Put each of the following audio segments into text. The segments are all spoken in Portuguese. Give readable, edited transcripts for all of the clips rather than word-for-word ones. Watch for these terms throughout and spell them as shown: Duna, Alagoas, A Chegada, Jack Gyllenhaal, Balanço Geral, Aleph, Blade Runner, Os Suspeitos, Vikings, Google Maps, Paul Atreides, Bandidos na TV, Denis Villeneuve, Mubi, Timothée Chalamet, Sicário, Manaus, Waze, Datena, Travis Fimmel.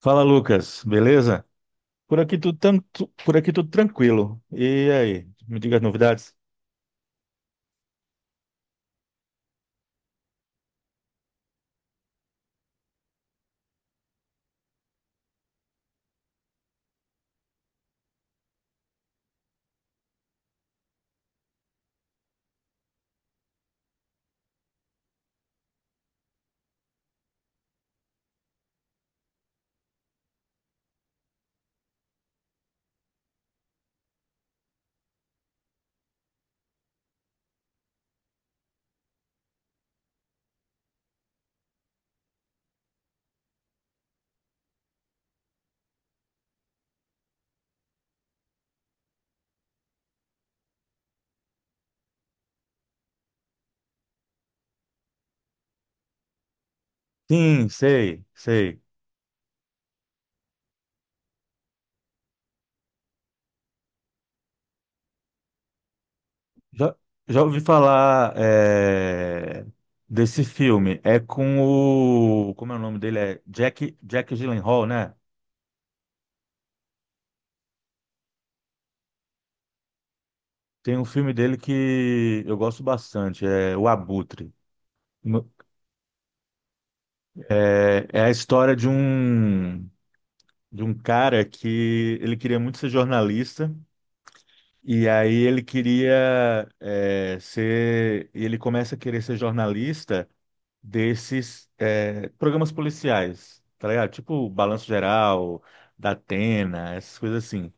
Fala, Lucas, beleza? Por aqui tudo tanto, por aqui tudo tranquilo. E aí, me diga as novidades? Sim, sei, sei. Já, já ouvi falar desse filme. É com como é o nome dele? É Jack, Jack Gyllenhaal, né? Tem um filme dele que eu gosto bastante, é O Abutre. No- É, é a história de um cara que ele queria muito ser jornalista. E aí ele queria ser, e ele começa a querer ser jornalista desses programas policiais, tá ligado? Tipo Balanço Geral, da Datena, essas coisas assim.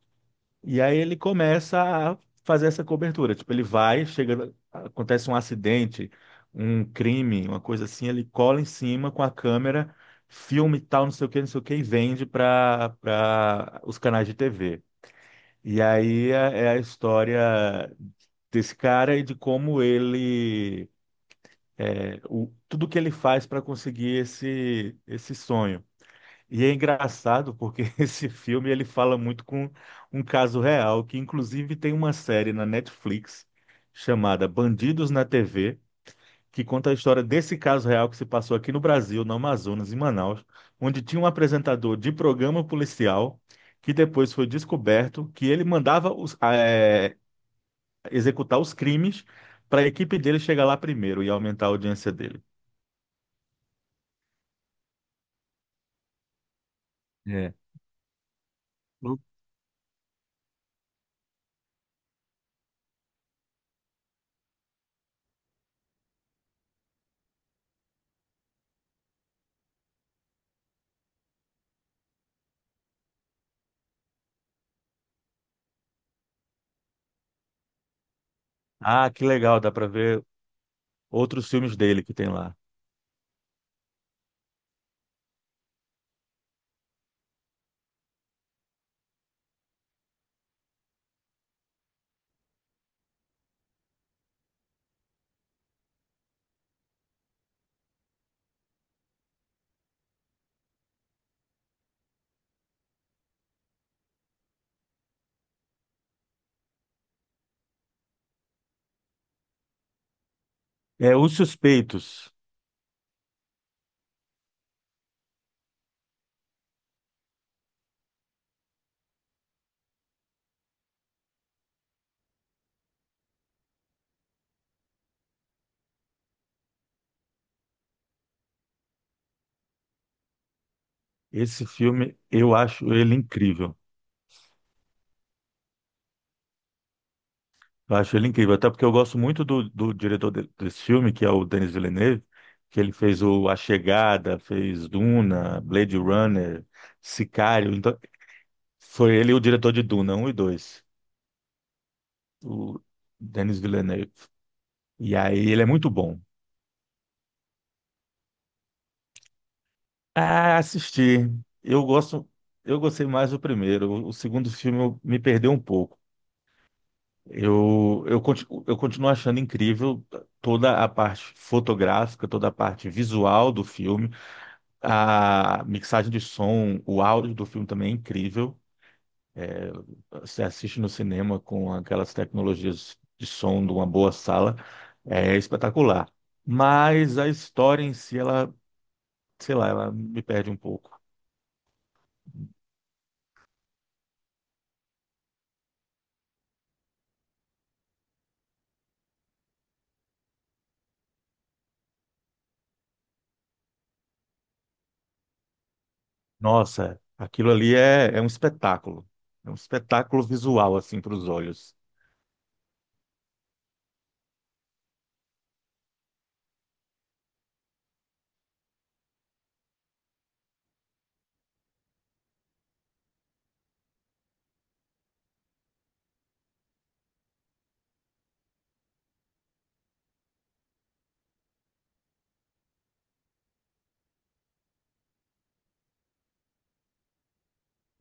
E aí ele começa a fazer essa cobertura, tipo ele vai, chega, acontece um acidente, um crime, uma coisa assim, ele cola em cima com a câmera, filme e tal, não sei o que, não sei o que, e vende para os canais de TV. E aí é a história desse cara e de como ele, tudo que ele faz para conseguir esse sonho. E é engraçado porque esse filme ele fala muito com um caso real, que inclusive tem uma série na Netflix chamada Bandidos na TV, que conta a história desse caso real que se passou aqui no Brasil, no Amazonas, em Manaus, onde tinha um apresentador de programa policial que depois foi descoberto que ele mandava executar os crimes para a equipe dele chegar lá primeiro e aumentar a audiência dele. É. Hum. Ah, que legal, dá para ver outros filmes dele que tem lá. É Os Suspeitos. Esse filme eu acho ele incrível. Eu acho ele incrível, até porque eu gosto muito do diretor desse filme, que é o Denis Villeneuve, que ele fez o A Chegada, fez Duna, Blade Runner, Sicário. Então, foi ele o diretor de Duna um e 2. O Denis Villeneuve. E aí ele é muito bom. Ah, assisti. Eu gosto, eu gostei mais do primeiro. O segundo filme me perdeu um pouco. Eu continuo achando incrível toda a parte fotográfica, toda a parte visual do filme. A mixagem de som, o áudio do filme também é incrível. Você assiste no cinema com aquelas tecnologias de som de uma boa sala, é espetacular. Mas a história em si, ela, sei lá, ela me perde um pouco. Nossa, aquilo ali é um espetáculo. É um espetáculo visual, assim, para os olhos.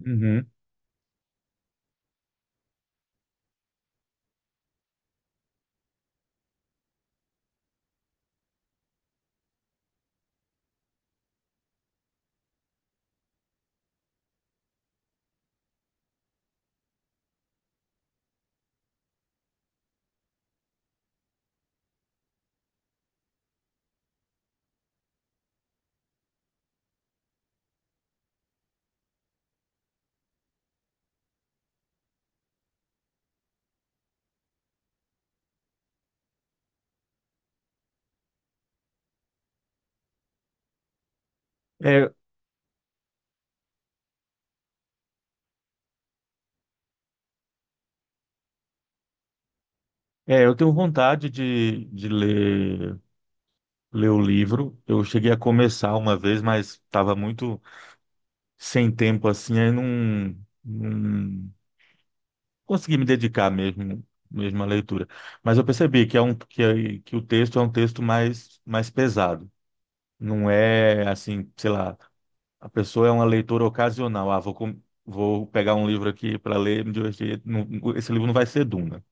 Uhum. É, é, eu tenho vontade de ler, ler o livro. Eu cheguei a começar uma vez, mas estava muito sem tempo assim, aí não, não consegui me dedicar mesmo, mesmo à leitura. Mas eu percebi que é um que o texto é um texto mais pesado. Não é assim, sei lá, a pessoa é uma leitora ocasional. Ah, vou pegar um livro aqui para ler, me divertir. Não, esse livro não vai ser Duna.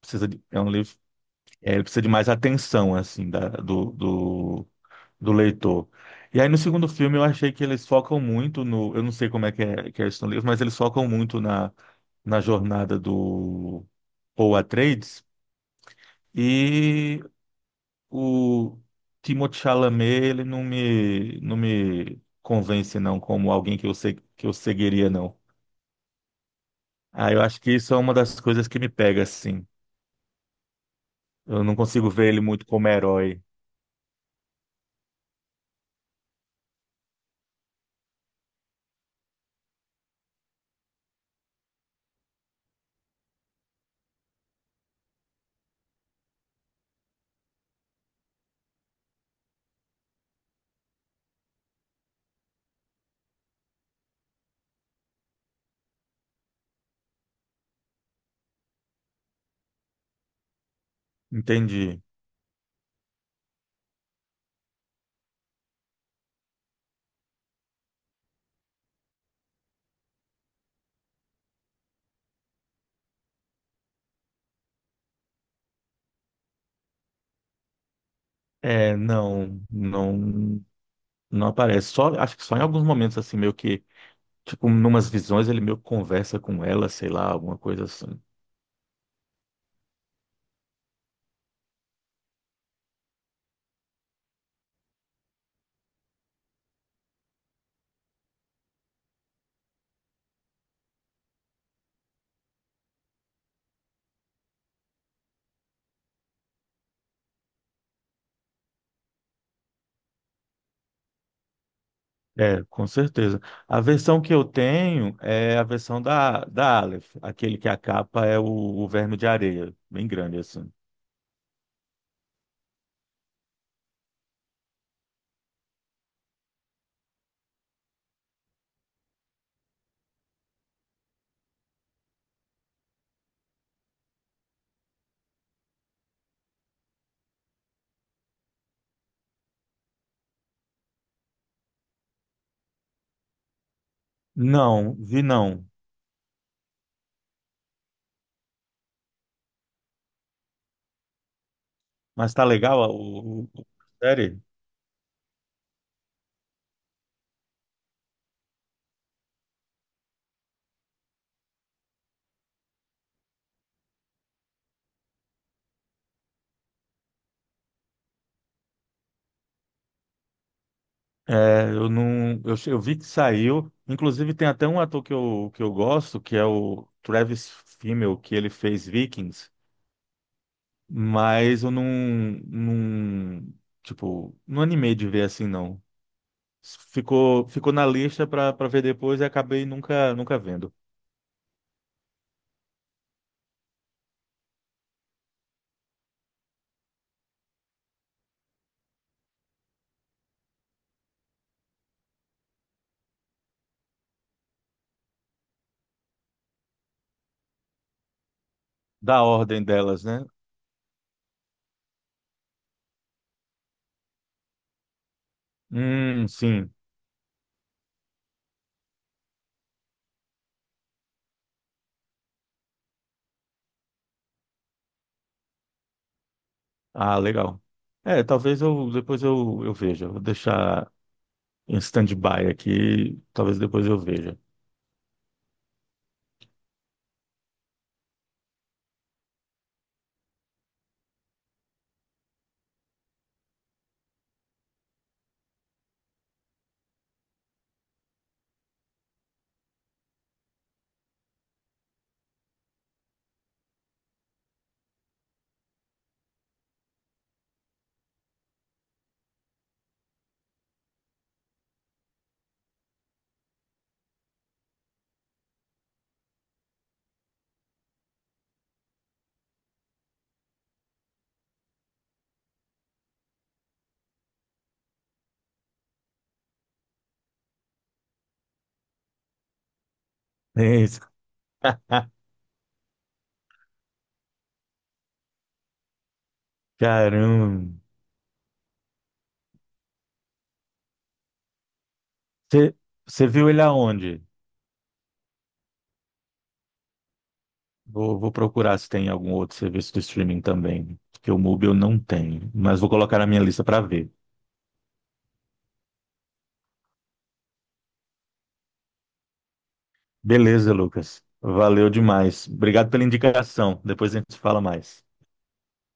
É um livro, é, ele precisa de mais atenção assim do do leitor. E aí no segundo filme eu achei que eles focam muito no, eu não sei como é que é, que é isso no livro, mas eles focam muito na, na jornada do Paul Atreides e o Timothée Chalamet, ele não me não me convence não como alguém que eu sei que eu seguiria não. Ah, eu acho que isso é uma das coisas que me pega assim. Eu não consigo ver ele muito como herói. Entendi. É, não, não, não aparece. Só, acho que só em alguns momentos assim meio que, tipo, numas visões ele meio que conversa com ela, sei lá, alguma coisa assim. É, com certeza. A versão que eu tenho é a versão da Aleph, aquele que a capa é o verme de areia, bem grande assim. Não, vi não. Mas tá legal a série? É, eu não, eu, che- eu vi que saiu. Inclusive tem até um ator que eu gosto, que é o Travis Fimmel, que ele fez Vikings. Mas eu não, não, tipo, não animei de ver assim, não. Ficou, ficou na lista pra para ver depois e acabei nunca, nunca vendo. Da ordem delas, né? Sim. Ah, legal. É, talvez eu depois eu veja. Vou deixar em stand-by aqui, talvez depois eu veja. É isso. Caramba. Você Você viu ele aonde? Vou, vou procurar se tem algum outro serviço de streaming também, porque o Mubi eu não tenho, mas vou colocar na minha lista para ver. Beleza, Lucas. Valeu demais. Obrigado pela indicação. Depois a gente fala mais.